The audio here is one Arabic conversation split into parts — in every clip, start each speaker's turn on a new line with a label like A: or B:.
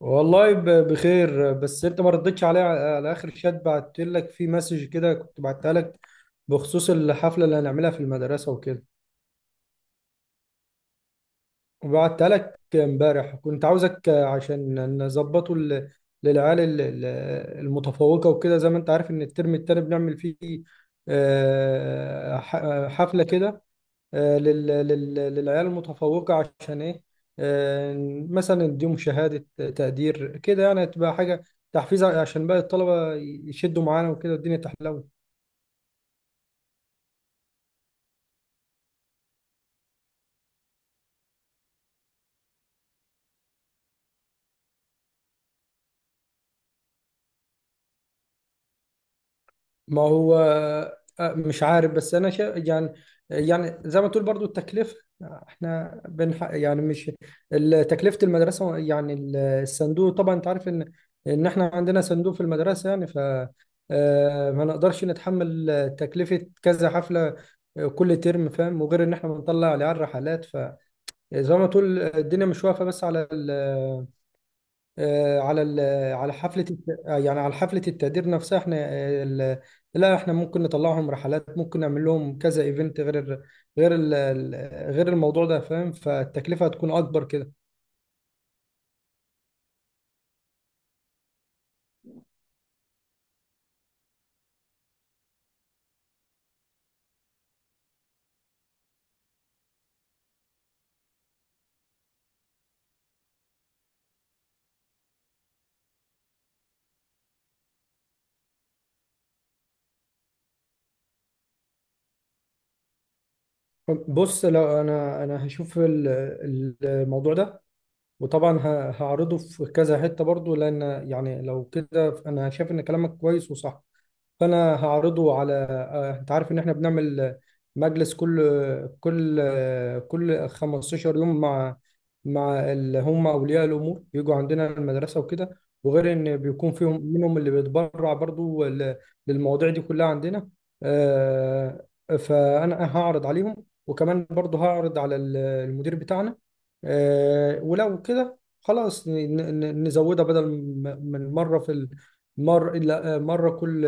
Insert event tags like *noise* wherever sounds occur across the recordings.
A: والله بخير بس انت ما ردتش عليا على اخر شات بعت لك في مسج كده كنت بعتها لك بخصوص الحفله اللي هنعملها في المدرسه وكده. وبعتها لك امبارح، كنت عاوزك عشان نظبطه ل- للعيال المتفوقه وكده. زي ما انت عارف ان الترم التاني بنعمل فيه حفله كده، للعيال المتفوقة. عشان إيه؟ آه، مثلا نديهم شهادة تقدير كده، يعني تبقى حاجة تحفيز عشان باقي الطلبة يشدوا معانا وكده والدنيا تحلو. ما هو مش عارف، بس انا يعني، يعني زي ما تقول برضو التكلفه. احنا يعني، مش تكلفه المدرسه، يعني الصندوق. طبعا انت عارف ان احنا عندنا صندوق في المدرسه، يعني ف ما نقدرش نتحمل تكلفه كذا حفله كل ترم، فاهم؟ وغير ان احنا بنطلع العيال رحلات، فزي ما تقول الدنيا مش واقفه بس على على حفلة الت- آه، يعني على حفلة التقدير نفسها. احنا لا احنا ممكن نطلعهم رحلات، ممكن نعمل لهم كذا ايفنت غير ال- غير ال- ال- غير الموضوع ده، فاهم؟ فالتكلفة هتكون اكبر كده. بص، لو انا هشوف الموضوع ده، وطبعا هعرضه في كذا حتة برضو، لان يعني لو كده انا شايف ان كلامك كويس وصح. فانا هعرضه على انت عارف ان احنا بنعمل مجلس كل كل 15 يوم مع اللي هم اولياء الامور، بيجوا عندنا المدرسه وكده. وغير ان بيكون فيهم منهم اللي بيتبرع برضو للمواضيع دي كلها عندنا. آه، فانا هعرض عليهم، وكمان برضو هعرض على المدير بتاعنا. ولو كده خلاص نزودها، بدل من مره في مر لا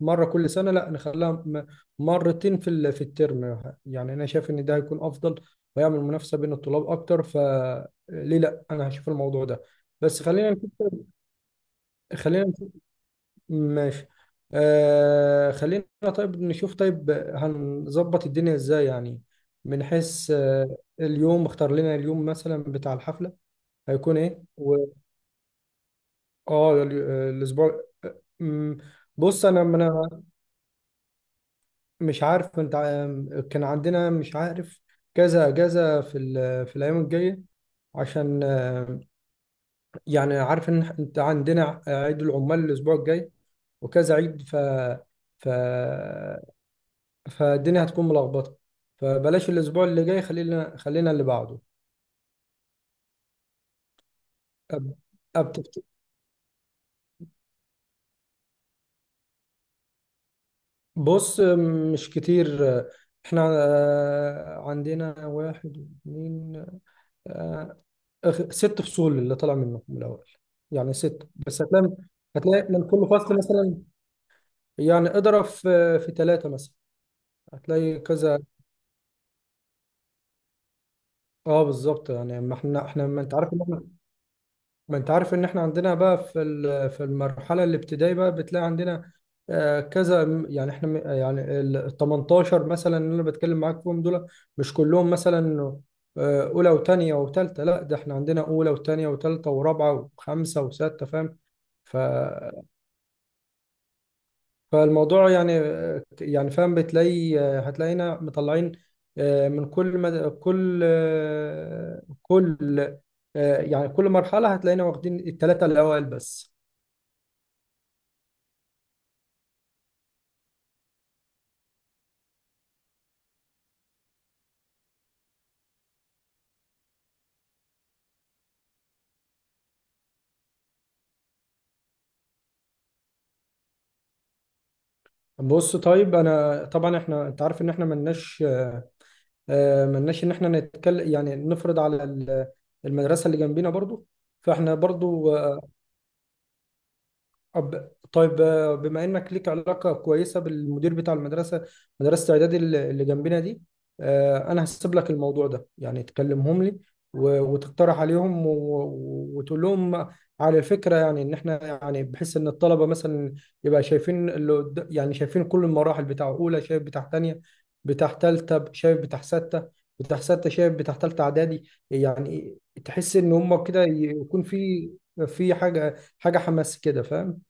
A: مره كل سنه، لا نخليها مرتين في في الترم. يعني انا شايف ان ده هيكون افضل، ويعمل منافسه بين الطلاب اكتر. فليه لا، انا هشوف الموضوع ده، بس خلينا نشوف. ماشي. آه، خلينا. طيب نشوف، طيب هنظبط الدنيا ازاي، يعني من حيث اليوم. اختار لنا اليوم مثلا بتاع الحفله هيكون ايه اه الاسبوع بص، انا مش عارف، انت كان عندنا، مش عارف كذا كذا في في الايام الجايه، عشان يعني عارف ان انت عندنا عيد العمال الاسبوع الجاي وكذا عيد، ف فالدنيا هتكون ملخبطه. فبلاش الاسبوع اللي جاي، خلينا اللي بعده. أب... أب... تفت- بص، مش كتير، احنا عندنا واحد اثنين ست فصول اللي طلع منه من الاول، يعني ست بس. هتلاقي، هتلاقي من كل فصل مثلا، يعني اضرب في ثلاثه مثلا، هتلاقي كذا. اه بالظبط. يعني ما احنا، احنا ما انت عارف ان احنا ما انت عارف ان احنا عندنا بقى في في المرحله الابتدائيه، بقى بتلاقي عندنا كذا. يعني احنا يعني ال 18 مثلا اللي انا بتكلم معاك فيهم دول، مش كلهم مثلا اولى وثانيه وثالثه، لا ده احنا عندنا اولى وثانيه وثالثه ورابعه وخمسه وسته، فاهم؟ ف فالموضوع يعني، يعني فاهم، بتلاقي هتلاقينا مطلعين آه، من كل مد... كل آه، كل آه، يعني كل مرحلة هتلاقينا واخدين الثلاثة الأوائل بس. بص طيب، أنا طبعا إحنا، أنت عارف إن إحنا ملناش ملناش إن إحنا نتكلم، يعني نفرض على المدرسة اللي جنبينا برضو. فإحنا برضو طيب، بما انك ليك علاقه كويسه بالمدير بتاع المدرسه، مدرسه اعدادي اللي جنبنا دي، انا هسيب لك الموضوع ده. يعني تكلمهم لي وتقترح عليهم وتقول لهم على الفكره، يعني ان احنا يعني بحيث ان الطلبه مثلا يبقى شايفين اللي يعني شايفين كل المراحل. بتاع اولى شايف بتاع تانية، بتاع تالتة شايف بتاع ستة، بتاع ستة شايف بتاع تالتة اعدادي. يعني تحس ان هم كده يكون في حاجه حماس كده، فاهم؟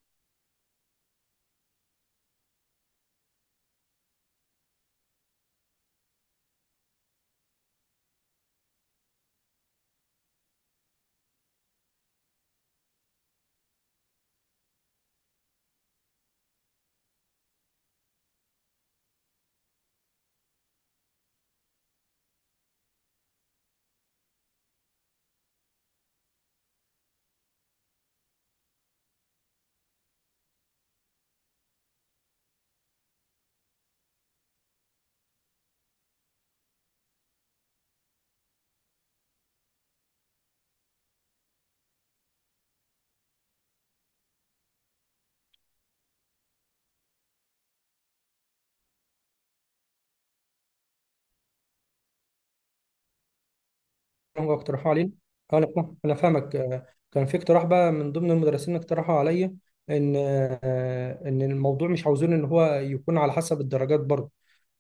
A: هم اقترحوا علينا. اه انا انا فاهمك. كان في اقتراح بقى من ضمن المدرسين، اقترحوا عليا ان ان الموضوع مش عاوزين ان هو يكون على حسب الدرجات برضه.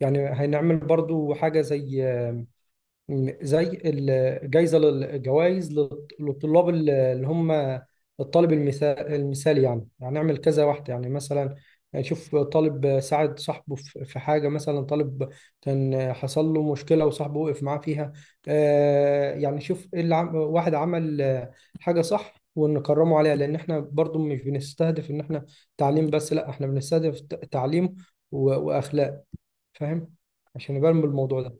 A: يعني هنعمل برضه حاجه زي زي الجوائز للطلاب اللي هم الطالب المثالي، يعني يعني نعمل كذا واحدة. يعني مثلا نشوف طالب ساعد صاحبه في حاجة، مثلا طالب كان حصل له مشكلة وصاحبه وقف معاه فيها. يعني شوف ايه اللي واحد عمل حاجة صح ونكرمه عليها. لأن احنا برضو مش بنستهدف إن احنا تعليم بس، لا احنا بنستهدف تعليم وأخلاق، فاهم؟ عشان يبان بالموضوع ده.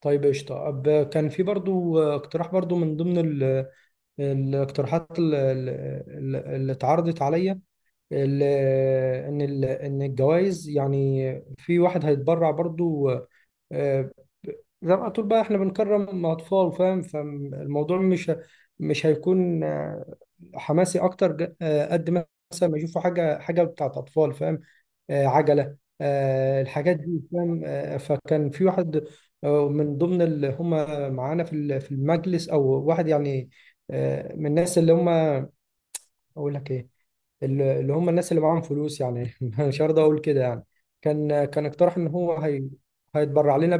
A: طيب قشطة. أب كان في برضو اقتراح، برضو من ضمن الاقتراحات اللي اتعرضت عليا، ال- إن إن الجوائز يعني، في واحد هيتبرع برضو آه، زي ما تقول بقى، احنا بنكرم أطفال، فاهم؟ فالموضوع مش هيكون حماسي أكتر قد ما مثلا ما يشوفوا حاجة بتاعت أطفال، فاهم؟ عجله، الحاجات دي، فاهم؟ فكان في واحد من ضمن اللي هم معانا في في المجلس، او واحد يعني من الناس اللي هم، اقول لك ايه، اللي هم الناس اللي معاهم فلوس، يعني *laughs* مش هرضى اقول كده يعني. كان اقترح ان هو هيتبرع لنا.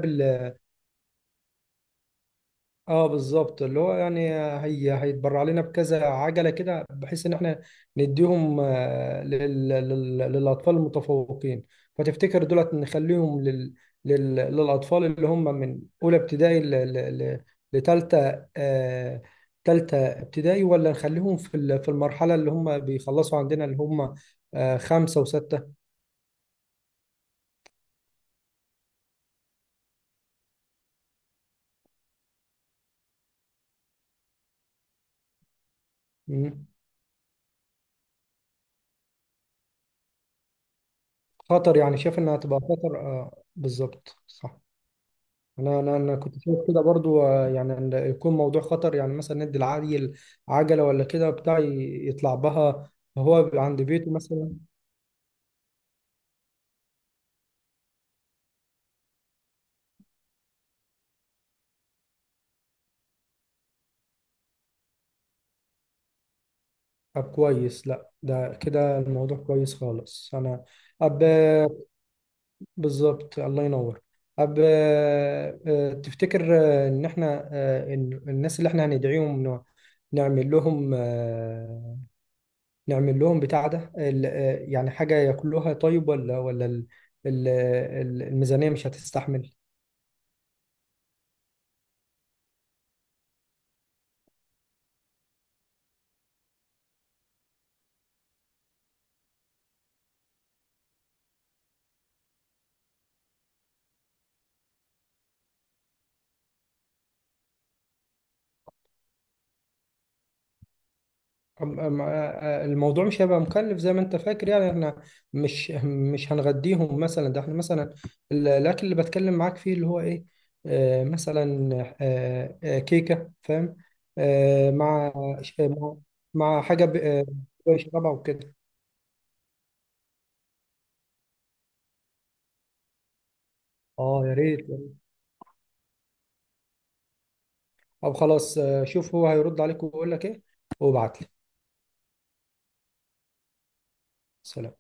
A: اه بالظبط، اللي هو يعني هيتبرع لنا بكذا عجله كده، بحيث ان احنا نديهم للاطفال المتفوقين. فتفتكر دولت نخليهم للاطفال اللي هم من اولى ابتدائي لتالتة، آه... تالتة ابتدائي، ولا نخليهم في في المرحله اللي هم بيخلصوا عندنا، اللي هم آه خمسه وسته. مم. خطر، يعني شايف انها هتبقى خطر، آه بالظبط صح. انا كنت شايف كده برضو، يعني إن يكون موضوع خطر، يعني مثلا ندي العيل عجله ولا كده بتاع يطلع بها وهو بيبقى عند بيته مثلا. طب كويس، لا ده كده الموضوع كويس خالص. انا اب بالظبط، الله ينور. اب تفتكر ان احنا إن الناس اللي احنا هندعيهم نعمل لهم نعمل لهم بتاع ده يعني حاجه ياكلوها طيب، ال- الميزانيه مش هتستحمل؟ الموضوع مش هيبقى مكلف زي ما انت فاكر. يعني احنا مش هنغديهم مثلا، ده احنا مثلا الاكل اللي بتكلم معاك فيه، اللي هو ايه، آه مثلا كيكه فاهم، آه مع ش- مع مع حاجه يشربها وكده. اه يا ريت، او خلاص شوف هو هيرد عليك ويقول لك ايه وابعت لي. سلام.